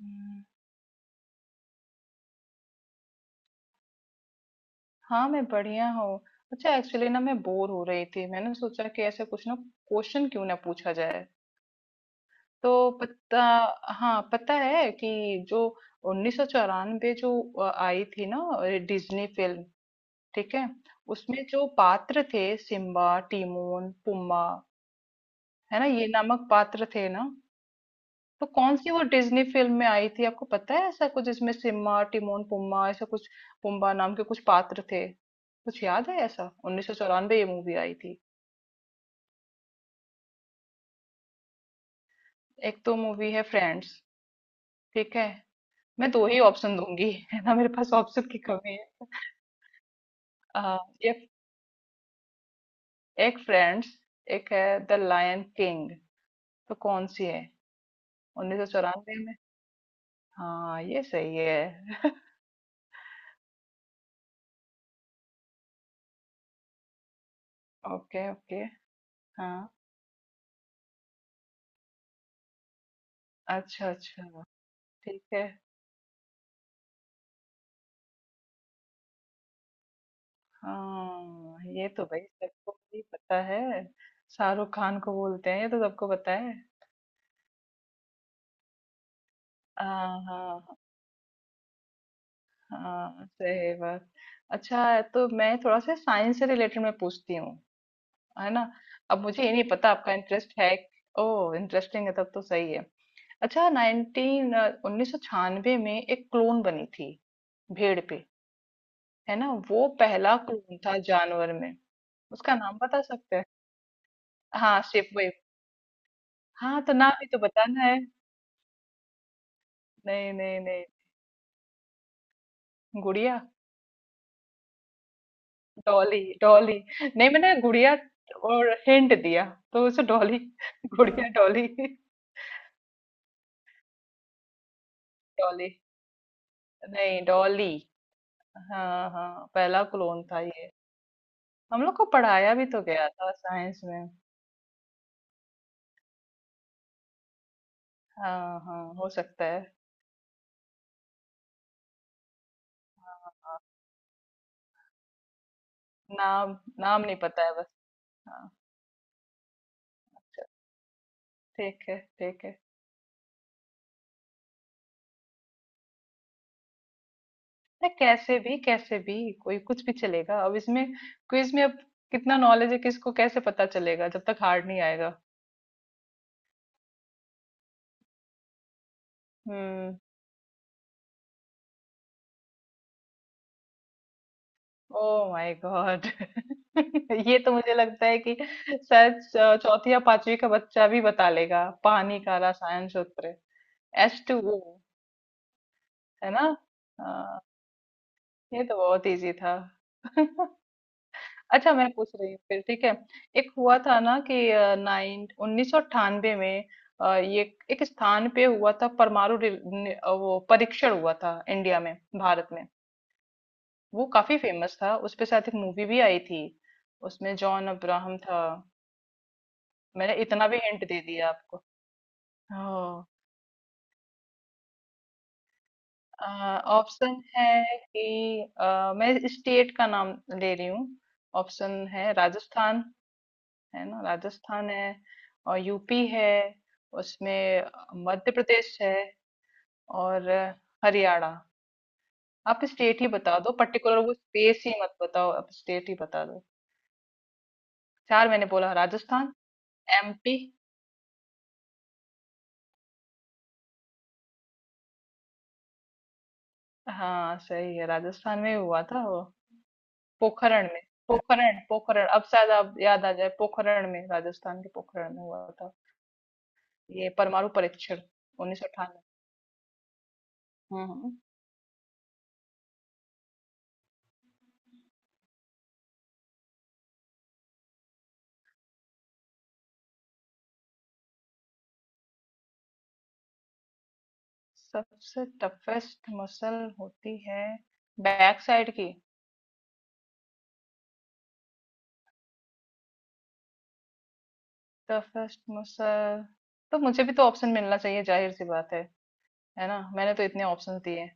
हम्म, हाँ मैं बढ़िया हूँ। अच्छा एक्चुअली ना मैं बोर हो रही थी, मैंने सोचा कि ऐसे कुछ ना क्वेश्चन क्यों ना पूछा जाए। तो पता हाँ पता है कि जो 1994 जो आई थी ना डिज्नी फिल्म, ठीक है। उसमें जो पात्र थे सिम्बा, टीमोन, पुम्बा, है ना, ये नामक पात्र थे ना। तो कौन सी वो डिज्नी फिल्म में आई थी आपको पता है, ऐसा कुछ जिसमें सिम्बा टिमोन पुम्बा ऐसा कुछ पुम्बा नाम के कुछ पात्र थे कुछ याद है ऐसा? उन्नीस सौ चौरानवे ये मूवी आई थी। एक तो मूवी है फ्रेंड्स, ठीक है। मैं दो ही ऑप्शन दूंगी है ना, मेरे पास ऑप्शन की कमी है। आ, ये एक फ्रेंड्स, एक है द लायन किंग। तो कौन सी है? उन्नीस सौ चौरानवे में। हाँ ये सही है। Okay okay. हाँ अच्छा अच्छा। ठीक है। हाँ, ये तो भाई सबको ही पता है, शाहरुख खान को बोलते हैं ये तो सबको पता है। हाँ हाँ। हाँ सही बात। अच्छा तो मैं थोड़ा सा साइंस से रिलेटेड मैं पूछती हूँ, है ना। अब मुझे ये नहीं पता आपका इंटरेस्ट है। ओ इंटरेस्टिंग है तब तो सही है। अच्छा नाइनटीन उन्नीस सौ छियानवे में एक क्लोन बनी थी भेड़ पे, है ना, वो पहला क्लोन था जानवर में। उसका नाम बता सकते हैं? हाँ शिप। हाँ तो नाम भी तो बताना है। नहीं नहीं नहीं। गुड़िया। डॉली डॉली नहीं मैंने गुड़िया और हिंट दिया तो उसे डॉली। गुड़िया डॉली। डॉली, नहीं डॉली। हाँ हाँ पहला क्लोन था ये। हम लोग को पढ़ाया भी तो गया था साइंस में। हाँ हाँ हो सकता है। हाँ, हाँ, नाम नाम नहीं पता है बस। हाँ। चल, ठीक है ठीक है। नहीं कैसे भी कैसे भी, कोई कुछ भी चलेगा अब इसमें, क्विज में अब कितना नॉलेज है किसको कैसे पता चलेगा जब तक हार्ड नहीं आएगा। हम्म। Oh my God. ये तो मुझे लगता है कि शायद चौथी या पांचवी का बच्चा भी बता लेगा पानी का रसायन सूत्र। एच टू ओ, है ना। हाँ, ये तो बहुत इजी था। अच्छा मैं पूछ रही हूँ फिर, ठीक है। एक हुआ था ना कि नाइन उन्नीस सौ अट्ठानबे में ये एक स्थान पे हुआ था परमाणु वो परीक्षण हुआ था इंडिया में, भारत में। वो काफी फेमस था उस पे शायद एक मूवी भी आई थी, उसमें जॉन अब्राहम था। मैंने इतना भी हिंट दे दिया आपको। हाँ। ऑप्शन है कि मैं स्टेट का नाम ले रही हूँ। ऑप्शन है राजस्थान, है ना राजस्थान है, और यूपी है उसमें, मध्य प्रदेश है, और हरियाणा। आप स्टेट ही बता दो पर्टिकुलर वो स्पेस ही मत बताओ, आप स्टेट ही बता दो। चार मैंने बोला राजस्थान, एमपी। हाँ सही है, राजस्थान में ही हुआ था वो। पोखरण में, पोखरण पोखरण अब शायद आप याद आ जाए, पोखरण में, राजस्थान के पोखरण में हुआ था ये परमाणु परीक्षण उन्नीस सौ अठानवे। हम्म। सबसे टफेस्ट मसल होती है बैक साइड की। टफेस्ट मसल, तो मुझे भी तो ऑप्शन मिलना चाहिए जाहिर सी बात है ना, मैंने तो इतने ऑप्शन दिए।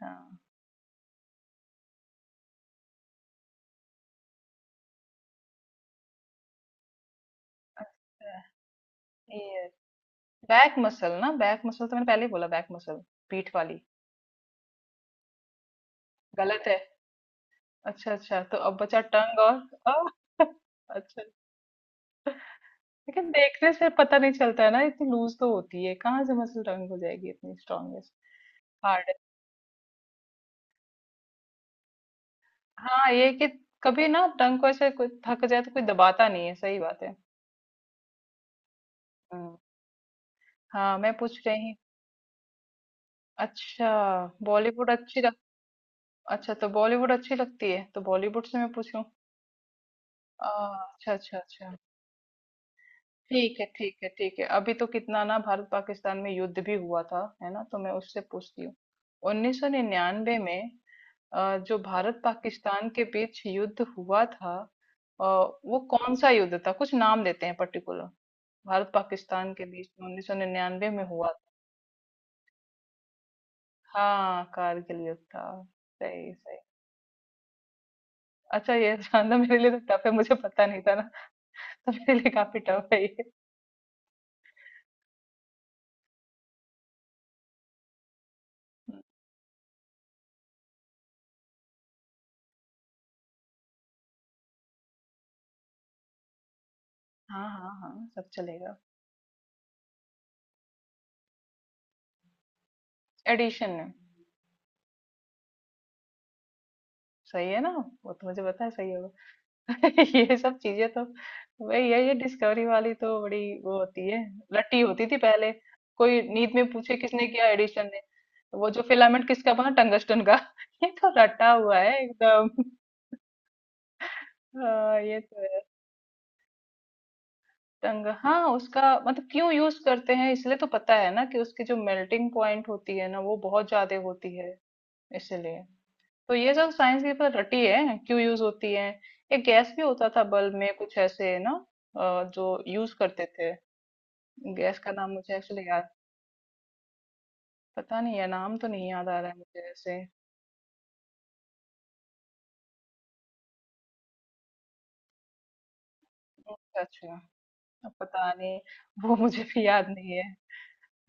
हाँ अच्छा। ये बैक मसल ना, बैक मसल तो मैंने पहले ही बोला, बैक मसल, पीठ वाली। गलत है। अच्छा अच्छा तो अब बचा टंग और। अ, अच्छा लेकिन देखने से पता नहीं चलता है ना, इतनी लूज तो होती है कहाँ से मसल टंग हो जाएगी इतनी स्ट्रांगेस्ट हार्ड। हाँ ये कि कभी ना टंग को ऐसे कोई थक जाए तो कोई दबाता नहीं है, सही बात है। हाँ हाँ मैं पूछ रही। अच्छा, बॉलीवुड अच्छी लग, अच्छा तो बॉलीवुड अच्छी लगती है तो बॉलीवुड से मैं पूछूं? आ, अच्छा अच्छा अच्छा, ठीक है ठीक है ठीक है। अभी तो कितना ना भारत पाकिस्तान में युद्ध भी हुआ था, है ना, तो मैं उससे पूछती हूँ। 1999 में जो भारत पाकिस्तान के बीच युद्ध हुआ था अ, वो कौन सा युद्ध था, कुछ नाम देते हैं पर्टिकुलर, भारत पाकिस्तान के बीच में 1999 में हुआ था। हाँ कारगिल युद्ध था। सही सही। अच्छा ये जानना मेरे लिए तो टफ है, मुझे पता नहीं था ना, तो मेरे लिए काफी टफ है ये। हाँ हाँ हाँ सब चलेगा। एडिशन में। सही है ना, वो तो मुझे पता है सही होगा। ये सब चीजें तो भाई, ये डिस्कवरी वाली तो बड़ी वो होती है, रट्टी होती थी पहले। कोई नींद में पूछे किसने किया, एडिशन ने, तो वो जो फिलामेंट किसका बना, टंगस्टन का। ये तो रटा हुआ है एकदम। हाँ, ये तो है। टंग हाँ, उसका मतलब क्यों यूज करते हैं इसलिए तो पता है ना, कि उसकी जो मेल्टिंग पॉइंट होती है ना वो बहुत ज्यादा होती है, इसलिए। तो ये सब साइंस की पर रटी है क्यों यूज होती है। एक गैस भी होता था बल्ब में कुछ ऐसे ना, जो यूज करते थे। गैस का नाम मुझे एक्चुअली याद पता नहीं है, नाम तो नहीं याद आ रहा है मुझे ऐसे। अच्छा अच्छा। अब पता नहीं, वो मुझे भी याद नहीं है।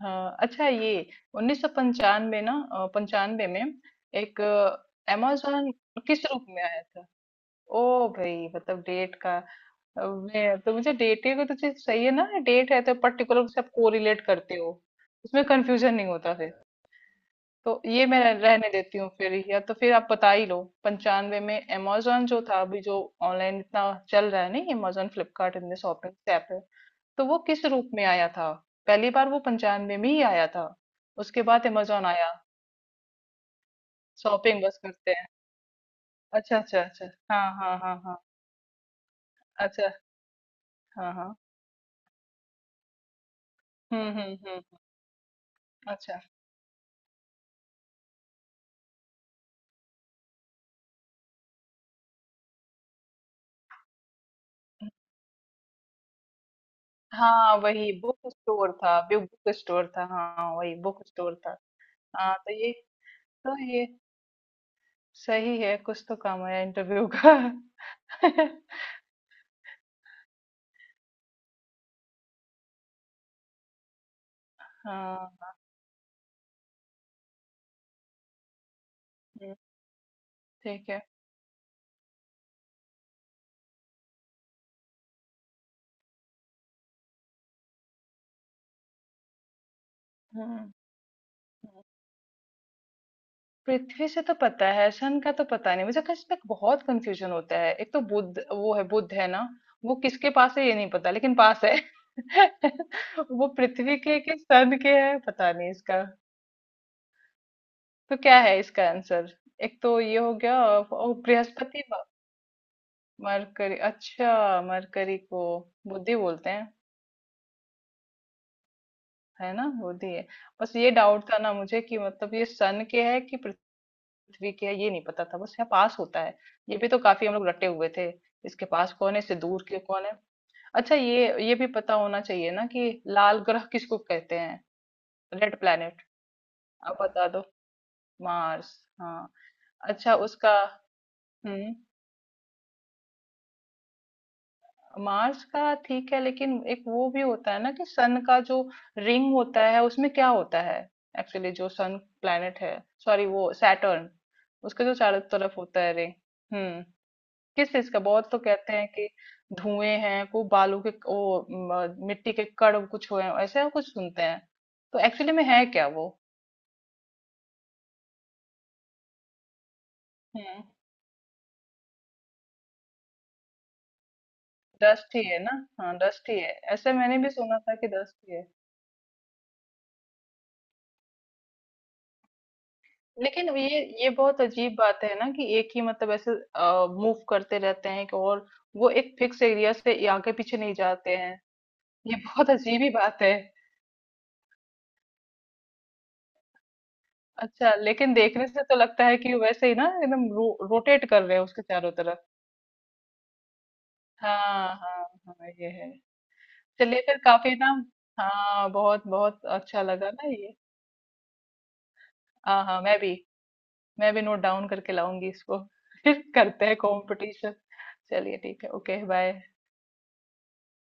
हाँ अच्छा ये उन्नीस सौ पंचानवे ना, पंचानवे में एक अमेजोन किस रूप में आया था? ओ भाई मतलब डेट का, मैं तो, मुझे डेटिंग तो चीज सही है ना, डेट है तो पर्टिकुलर उससे आप कोरिलेट करते हो, उसमें कंफ्यूजन नहीं होता फिर। तो ये मैं रहने देती हूँ फिर, या तो फिर आप बता ही लो। पंचानवे में Amazon जो था अभी जो ऑनलाइन इतना चल रहा है, नहीं Amazon फ्लिपकार्ट इनमें शॉपिंग ऐप है, तो वो किस रूप में आया था पहली बार, वो पंचानवे में ही आया था, उसके बाद Amazon आया। शॉपिंग बस करते हैं। अच्छा अच्छा अच्छा। हाँ हाँ हाँ हाँ, अच्छा। हाँ हाँ। हम्म, अच्छा। हाँ वही बुक स्टोर था, बिग बुक स्टोर था, हाँ वही बुक स्टोर था। हाँ तो ये, तो ये सही है, कुछ तो काम आया इंटरव्यू का। हाँ। हम्म, ठीक है। हम्म। हम्म। पृथ्वी से तो पता है, सन का तो पता नहीं मुझे, किस पे बहुत कंफ्यूजन होता है, एक तो बुध वो है, बुध है ना, वो किसके पास है ये नहीं पता लेकिन पास है। वो पृथ्वी के सन के है पता नहीं इसका। तो क्या है इसका आंसर? एक तो ये हो गया और बृहस्पति। मरकरी, अच्छा मरकरी को बुद्धि बोलते हैं, है ना बुद्धि है। बस ये डाउट था ना मुझे कि मतलब ये सन के है कि पृथ्वी के है, ये नहीं पता था, बस यहाँ पास होता है। ये भी तो काफी हम लोग रटे हुए थे, इसके पास कौन है, इससे दूर के कौन है। अच्छा, ये भी पता होना चाहिए ना कि लाल ग्रह किसको कहते हैं, रेड प्लेनेट। आप बता दो। मार्स। हाँ। अच्छा उसका। हम्म। मार्स का ठीक है, लेकिन एक वो भी होता है ना कि सन का जो रिंग होता है उसमें क्या होता है? एक्चुअली जो सन प्लेनेट है, सॉरी वो सैटर्न, उसके जो चारों तरफ होता है रिंग। हम्म। किस चीज का, बहुत तो कहते हैं कि धुएं हैं को बालू के, वो मिट्टी के कण कुछ हुए हैं, ऐसे कुछ सुनते हैं, तो एक्चुअली में है क्या वो? हम्म। डस्ट ही है ना, हाँ डस्ट ही है, ऐसे मैंने भी सुना था कि डस्ट ही है। लेकिन अब ये बहुत अजीब बात है ना कि एक ही मतलब ऐसे मूव करते रहते हैं कि, और वो एक फिक्स एरिया से ये आगे पीछे नहीं जाते हैं, ये बहुत अजीब ही बात है। अच्छा लेकिन देखने से तो लगता है कि वैसे ही ना एकदम रोटेट कर रहे हैं उसके चारों तरफ। हाँ हाँ। हाँ ये है। चलिए फिर काफी ना, हाँ बहुत बहुत अच्छा लगा ना ये। हाँ हाँ मैं भी, मैं भी नोट डाउन करके लाऊंगी इसको। फिर करते हैं कंपटीशन। चलिए ठीक है ओके बाय।